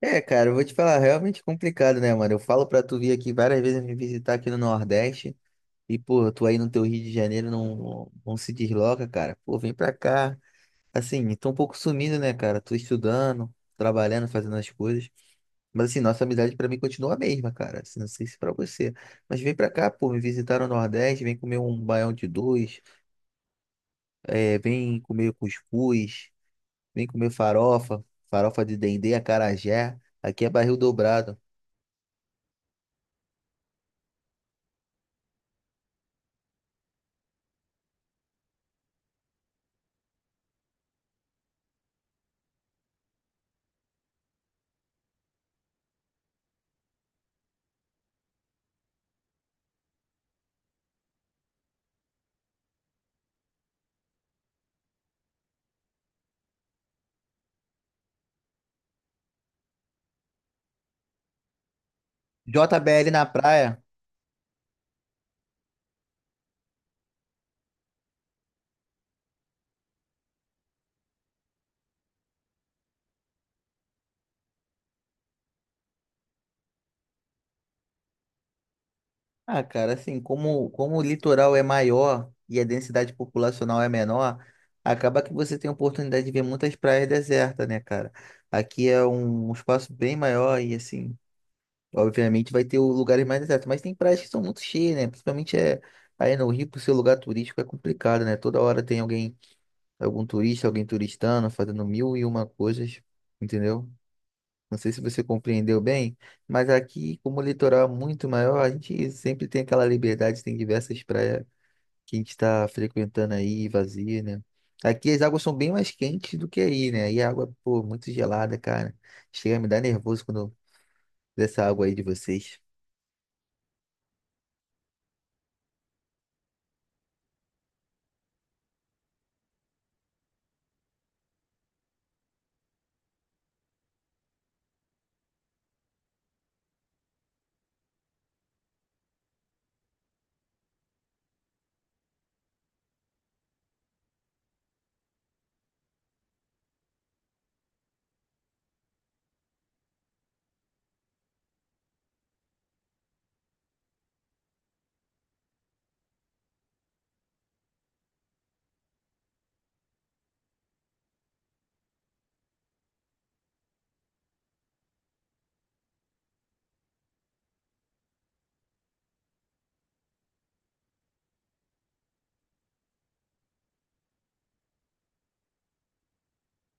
É, cara, eu vou te falar, realmente complicado, né, mano? Eu falo pra tu vir aqui várias vezes me visitar aqui no Nordeste e, pô, tu aí no teu Rio de Janeiro não se desloca, cara. Pô, vem pra cá. Assim, tô um pouco sumido, né, cara? Tô estudando, trabalhando, fazendo as coisas. Mas, assim, nossa amizade pra mim continua a mesma, cara. Assim, não sei se pra você. Mas vem pra cá, pô, me visitar no Nordeste, vem comer um baião de dois, é, vem comer cuscuz, vem comer farofa, farofa de dendê, acarajé. Aqui é barril dobrado. JBL na praia. Ah, cara, assim, como o litoral é maior e a densidade populacional é menor, acaba que você tem a oportunidade de ver muitas praias desertas, né, cara? Aqui é um espaço bem maior e, assim, obviamente vai ter lugares mais desertos, mas tem praias que são muito cheias, né? Principalmente é, aí no Rio, por ser lugar turístico, é complicado, né? Toda hora tem alguém, algum turista, alguém turistando, fazendo mil e uma coisas, entendeu? Não sei se você compreendeu bem, mas aqui, como o litoral é muito maior, a gente sempre tem aquela liberdade, tem diversas praias que a gente está frequentando aí, vazia, né? Aqui as águas são bem mais quentes do que aí, né? E a água, pô, muito gelada, cara. Chega a me dar nervoso quando eu- dessa água aí de vocês.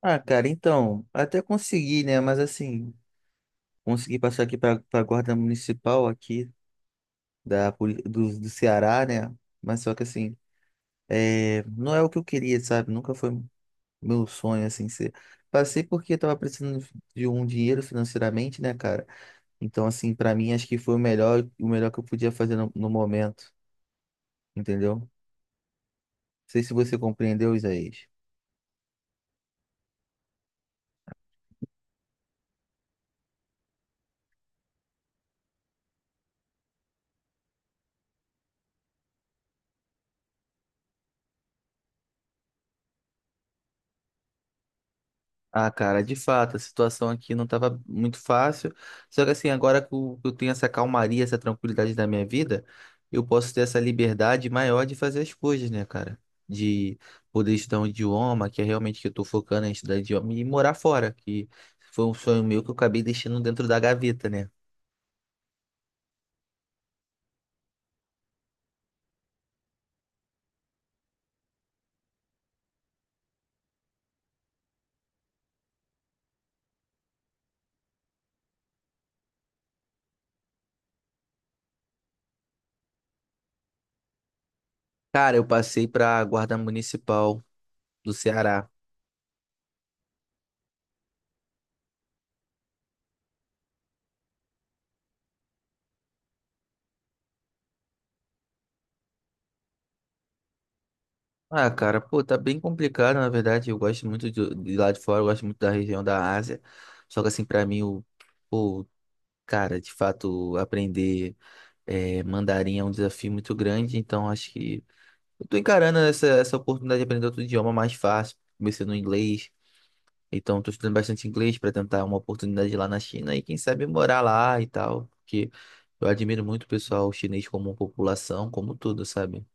Ah, cara, então, até consegui, né? Mas assim, consegui passar aqui para a guarda municipal aqui do Ceará, né? Mas só que assim, é, não é o que eu queria, sabe? Nunca foi. Meu sonho, assim, ser. Passei porque eu tava precisando de um dinheiro financeiramente, né, cara? Então, assim, pra mim, acho que foi o melhor que eu podia fazer no momento, entendeu? Não sei se você compreendeu, Isaías. Ah, cara, de fato, a situação aqui não estava muito fácil. Só que assim, agora que eu tenho essa calmaria, essa tranquilidade da minha vida, eu posso ter essa liberdade maior de fazer as coisas, né, cara? De poder estudar um idioma, que é realmente que eu tô focando em estudar idioma, e morar fora, que foi um sonho meu que eu acabei deixando dentro da gaveta, né? Cara, eu passei para a Guarda Municipal do Ceará. Ah, cara, pô, tá bem complicado, na verdade. Eu gosto muito de lá de fora, eu gosto muito da região da Ásia. Só que, assim, pra mim, o, pô, cara, de fato, aprender mandarim é um desafio muito grande. Então, acho que eu tô encarando essa oportunidade de aprender outro idioma mais fácil. Comecei no inglês, então tô estudando bastante inglês pra tentar uma oportunidade lá na China e, quem sabe, morar lá e tal. Porque eu admiro muito o pessoal chinês como população, como tudo, sabe?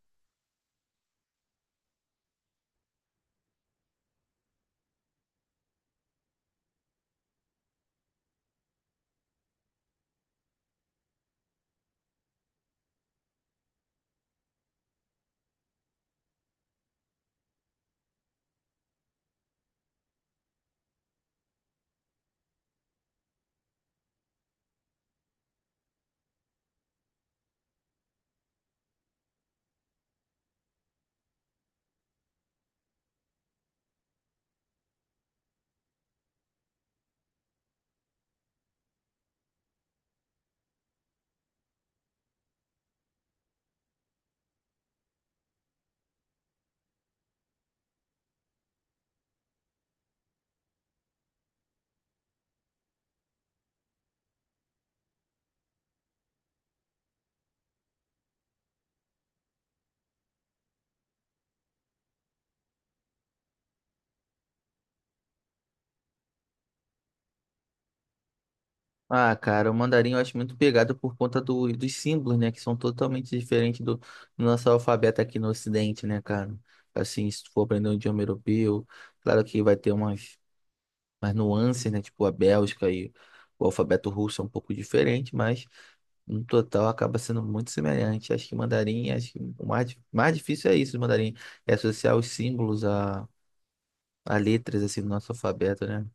Ah, cara, o mandarim eu acho muito pegado por conta dos símbolos, né? Que são totalmente diferentes do nosso alfabeto aqui no Ocidente, né, cara? Assim, se tu for aprender um idioma europeu, claro que vai ter umas, umas nuances, né? Tipo a Bélgica e o alfabeto russo é um pouco diferente, mas no total acaba sendo muito semelhante. Acho que mandarim, acho que o mais, mais difícil é isso, o mandarim, é associar os símbolos a letras, assim, do nosso alfabeto, né?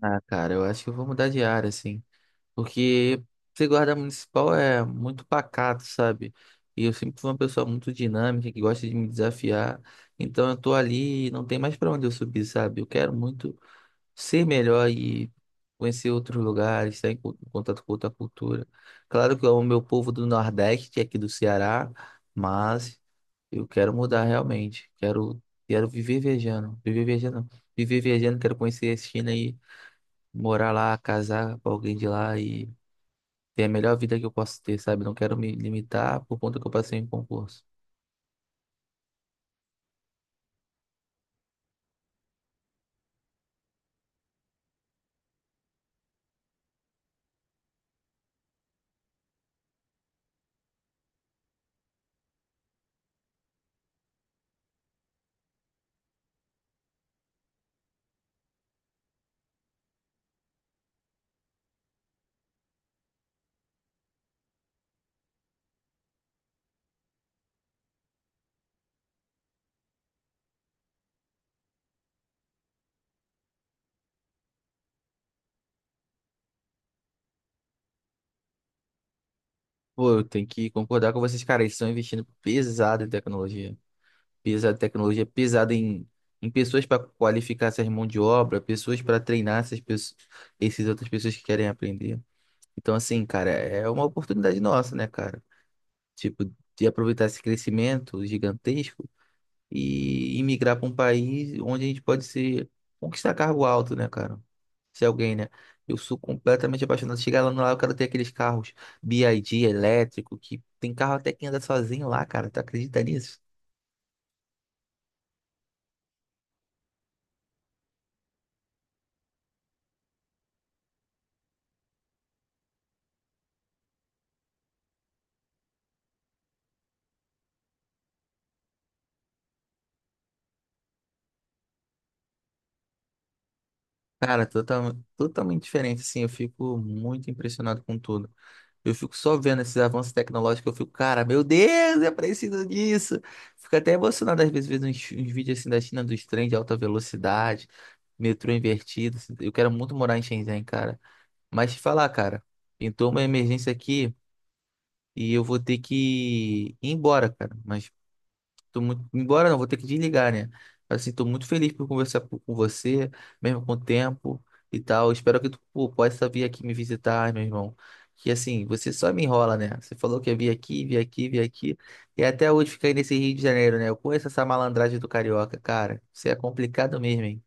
Ah, cara, eu acho que eu vou mudar de área, assim. Porque ser guarda municipal é muito pacato, sabe? E eu sempre fui uma pessoa muito dinâmica, que gosta de me desafiar. Então eu tô ali, e não tem mais pra onde eu subir, sabe? Eu quero muito ser melhor e conhecer outros lugares, estar em contato com outra cultura. Claro que eu amo meu povo do Nordeste, aqui do Ceará, mas eu quero mudar realmente. Quero, quero viver viajando, viver viajando, viver viajando, quero conhecer a China e morar lá, casar com alguém de lá e ter a melhor vida que eu posso ter, sabe? Não quero me limitar por conta que eu passei em concurso. Pô, eu tenho que concordar com vocês, cara. Eles estão investindo pesado em tecnologia. Pesado em tecnologia, pesado em pessoas para qualificar essas mãos de obra, pessoas para treinar essas pessoas, essas outras pessoas que querem aprender. Então, assim, cara, é uma oportunidade nossa, né, cara? Tipo, de aproveitar esse crescimento gigantesco e imigrar para um país onde a gente pode ser conquistar cargo alto, né, cara? Se alguém, né? Eu sou completamente apaixonado. Chegar lá no lá, eu quero ter aqueles carros BYD elétrico, que tem carro até que anda sozinho lá, cara. Tu acredita nisso? Cara, totalmente diferente, assim. Eu fico muito impressionado com tudo. Eu fico só vendo esses avanços tecnológicos, eu fico, cara, meu Deus, eu preciso disso. Fico até emocionado às vezes vendo uns, uns vídeos assim da China dos trens de alta velocidade, metrô invertido. Assim. Eu quero muito morar em Shenzhen, cara. Mas te falar, cara, pintou uma emergência aqui e eu vou ter que ir embora, cara. Mas tô muito... Embora não, vou ter que desligar, né? Mas, assim, tô muito feliz por com você, mesmo com o tempo e tal. Espero que tu pô, possa vir aqui me visitar, meu irmão. Que assim, você só me enrola, né? Você falou que ia vir aqui, vir aqui, vir aqui. E até hoje fica aí nesse Rio de Janeiro, né? Eu conheço essa malandragem do carioca, cara. Você é complicado mesmo, hein?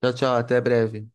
Tchau, tchau, até breve.